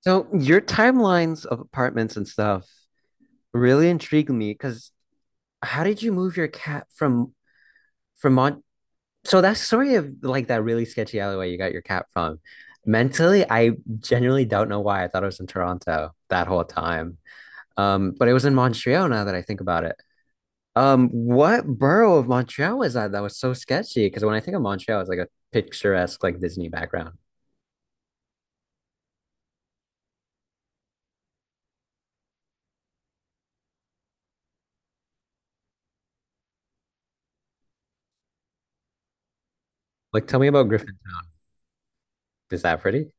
So your timelines of apartments and stuff really intrigued me because how did you move your cat from Mon so that's sort of like that really sketchy alleyway you got your cat from. Mentally, I genuinely don't know why I thought it was in Toronto that whole time. But it was in Montreal now that I think about it. What borough of Montreal was that? That was so sketchy. Because when I think of Montreal, it's like a picturesque, like Disney background. Like, tell me about Griffintown. Is that pretty?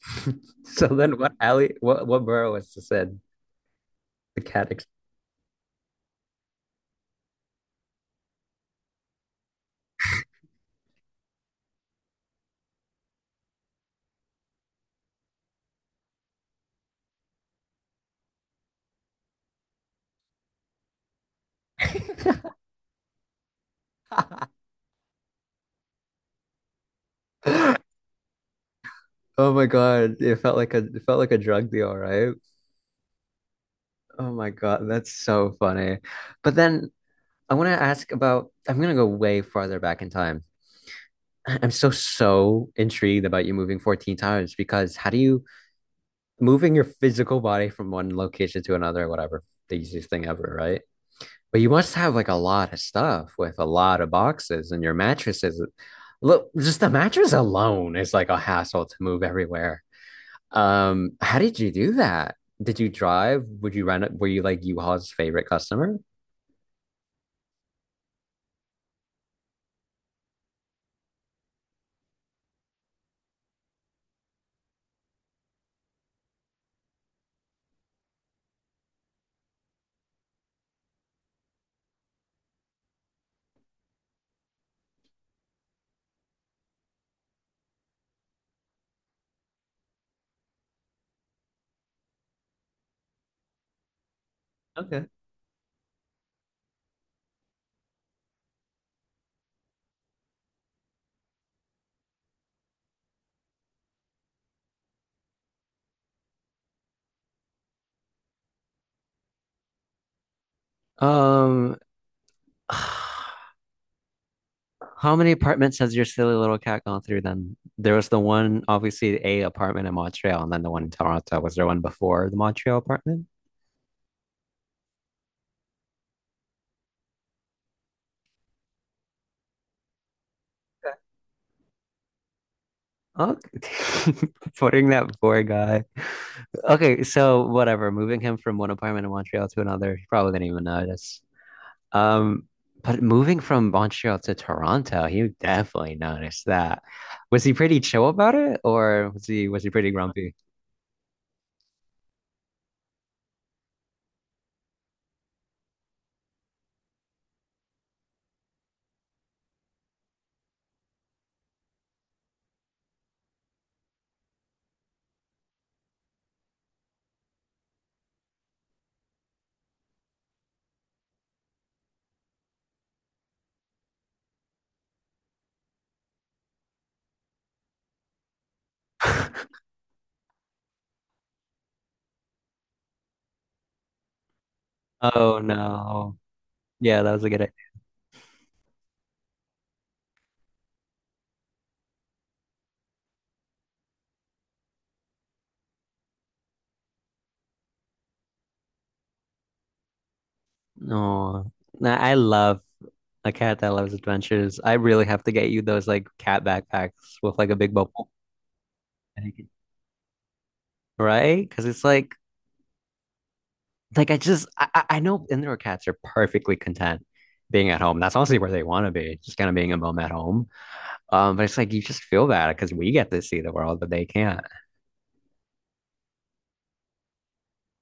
So then, what alley? What borough was this in? The cat. Ex- Oh my God! It felt like a drug deal, right? Oh my God, that's so funny. But then I want to ask about, I'm going to go way farther back in time. I'm so, so intrigued about you moving 14 times because how do you, moving your physical body from one location to another, whatever, the easiest thing ever, right? But you must have like a lot of stuff with a lot of boxes and your mattresses. Look, just the mattress alone is like a hassle to move everywhere. How did you do that? Did you drive? Would you rent it? Were you like U-Haul's favorite customer? Okay. Um, how many apartments has your silly little cat gone through then? There was the one, obviously, a apartment in Montreal, and then the one in Toronto. Was there one before the Montreal apartment? Okay. Putting that poor guy. Okay, so whatever, moving him from one apartment in Montreal to another, he probably didn't even notice. Um, but moving from Montreal to Toronto, he definitely noticed that. Was he pretty chill about it, or was he pretty grumpy? Oh no. Yeah, that was a good idea. Oh, I love a cat that loves adventures. I really have to get you those like cat backpacks with like a big bubble. And you can- Right? Because it's like I know indoor cats are perfectly content being at home. That's honestly where they want to be, just kind of being a mom at home. But it's like you just feel bad because we get to see the world, but they can't.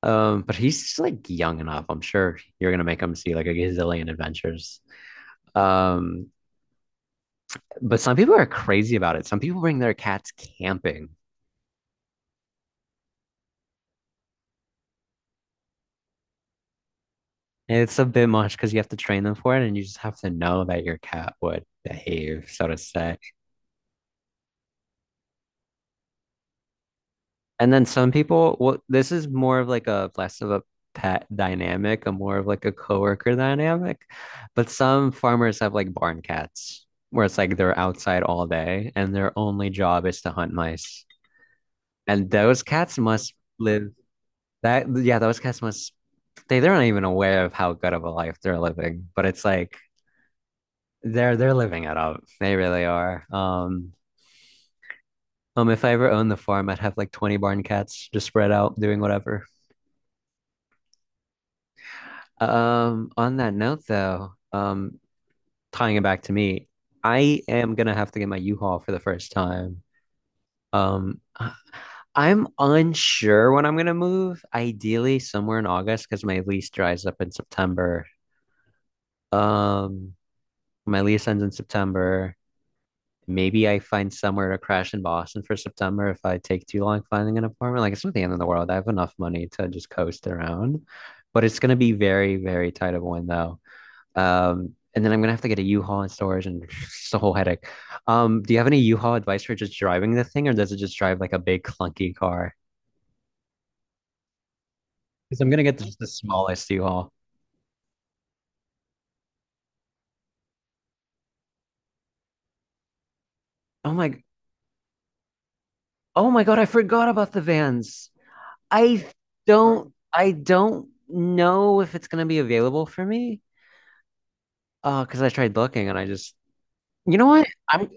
But he's just like young enough. I'm sure you're gonna make him see like a gazillion adventures. Um, but some people are crazy about it. Some people bring their cats camping. And it's a bit much because you have to train them for it, and you just have to know that your cat would behave, so to say. And then some people, well, this is more of like a less of a pet dynamic, a more of like a coworker dynamic. But some farmers have like barn cats where it's like they're outside all day and their only job is to hunt mice. And those cats must live that, yeah, those cats must, they're not even aware of how good of a life they're living, but it's like they're living it up. They really are. If I ever owned the farm, I'd have like 20 barn cats just spread out doing whatever. On that note though, tying it back to me, I am gonna have to get my U-Haul for the first time. Um, I- I'm unsure when I'm gonna move, ideally somewhere in August because my lease dries up in September. Um, my lease ends in September. Maybe I find somewhere to crash in Boston for September if I take too long finding an apartment. Like it's not the end of the world. I have enough money to just coast around, but it's gonna be very, very tight of a window. And then I'm gonna have to get a U-Haul in storage, and it's a whole headache. Do you have any U-Haul advice for just driving the thing, or does it just drive like a big clunky car? Because I'm gonna get just the smallest U-Haul. Oh my, oh my God, I forgot about the vans. I I don't know if it's gonna be available for me. Because I tried looking, and I just, you know what? I'm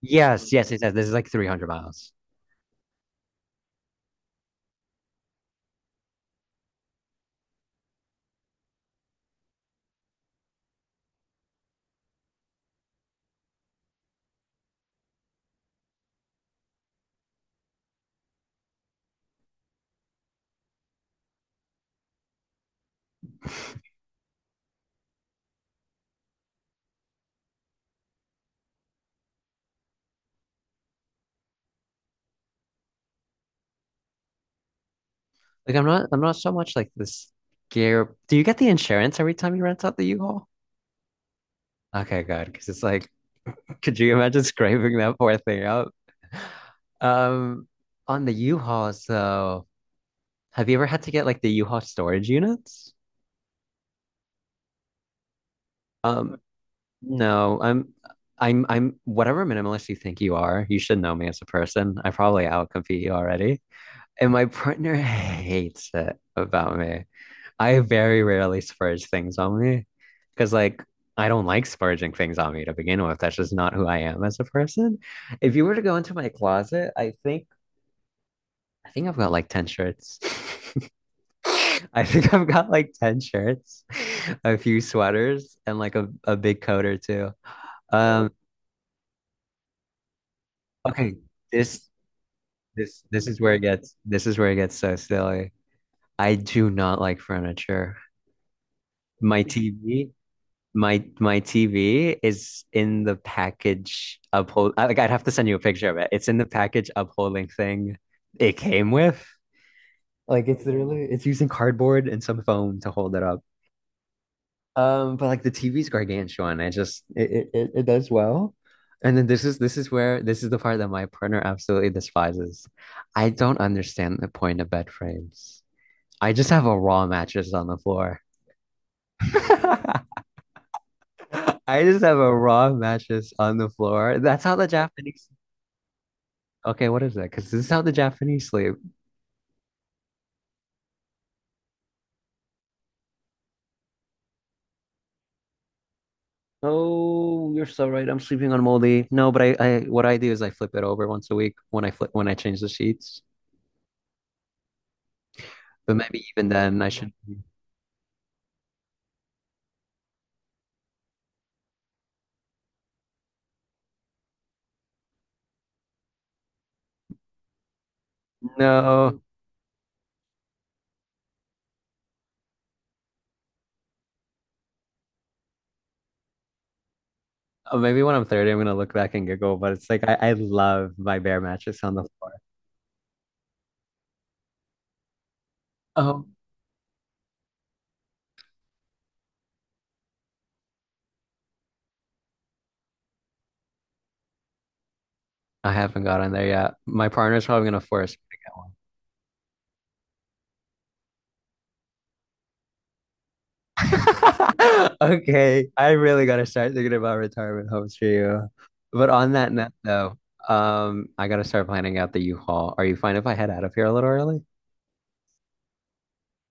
Yes, yes, it says this is like 300 miles. I'm not so much like this gear. Do you get the insurance every time you rent out the U-Haul? Okay, good. Because it's like, could you imagine scraping that poor thing up? Um, on the U-Haul, so have you ever had to get like the U-Haul storage units? Um, no, I'm whatever minimalist you think you are. You should know me as a person. I probably outcompete you already, and my partner hates it about me. I very rarely splurge things on me because, like, I don't like splurging things on me to begin with. That's just not who I am as a person. If you were to go into my closet, I think I've got like 10 shirts. I think I've got like 10 shirts, a few sweaters, and like a big coat or two. Oh, Um, okay, this this this is where it gets this is where it gets so silly. I do not like furniture. My TV My my TV is in the package uphold. I- Like I'd have to send you a picture of it. It's in the package upholding thing it came with. Like it's literally it's using cardboard and some foam to hold it up. But like the TV's gargantuan. I just it it, it it does well. And then this is where This is the part that my partner absolutely despises. I don't understand the point of bed frames. I just have a raw mattress on the floor. I just have a raw mattress on the floor. That's how the Japanese. Okay, what is that? Because this is how the Japanese sleep. Oh, you're so right. I'm sleeping on moldy. No, but what I do is I flip it over once a week when I change the sheets. But maybe even then, I should. No, oh, maybe when I'm 30, I'm gonna look back and giggle. But it's like I love my bare mattress on the floor. Oh, I haven't got on there yet. My partner's probably gonna force me to get one. Okay, I really gotta start thinking about retirement homes for you. But on that note, though, I gotta start planning out the U-Haul. Are you fine if I head out of here a little early?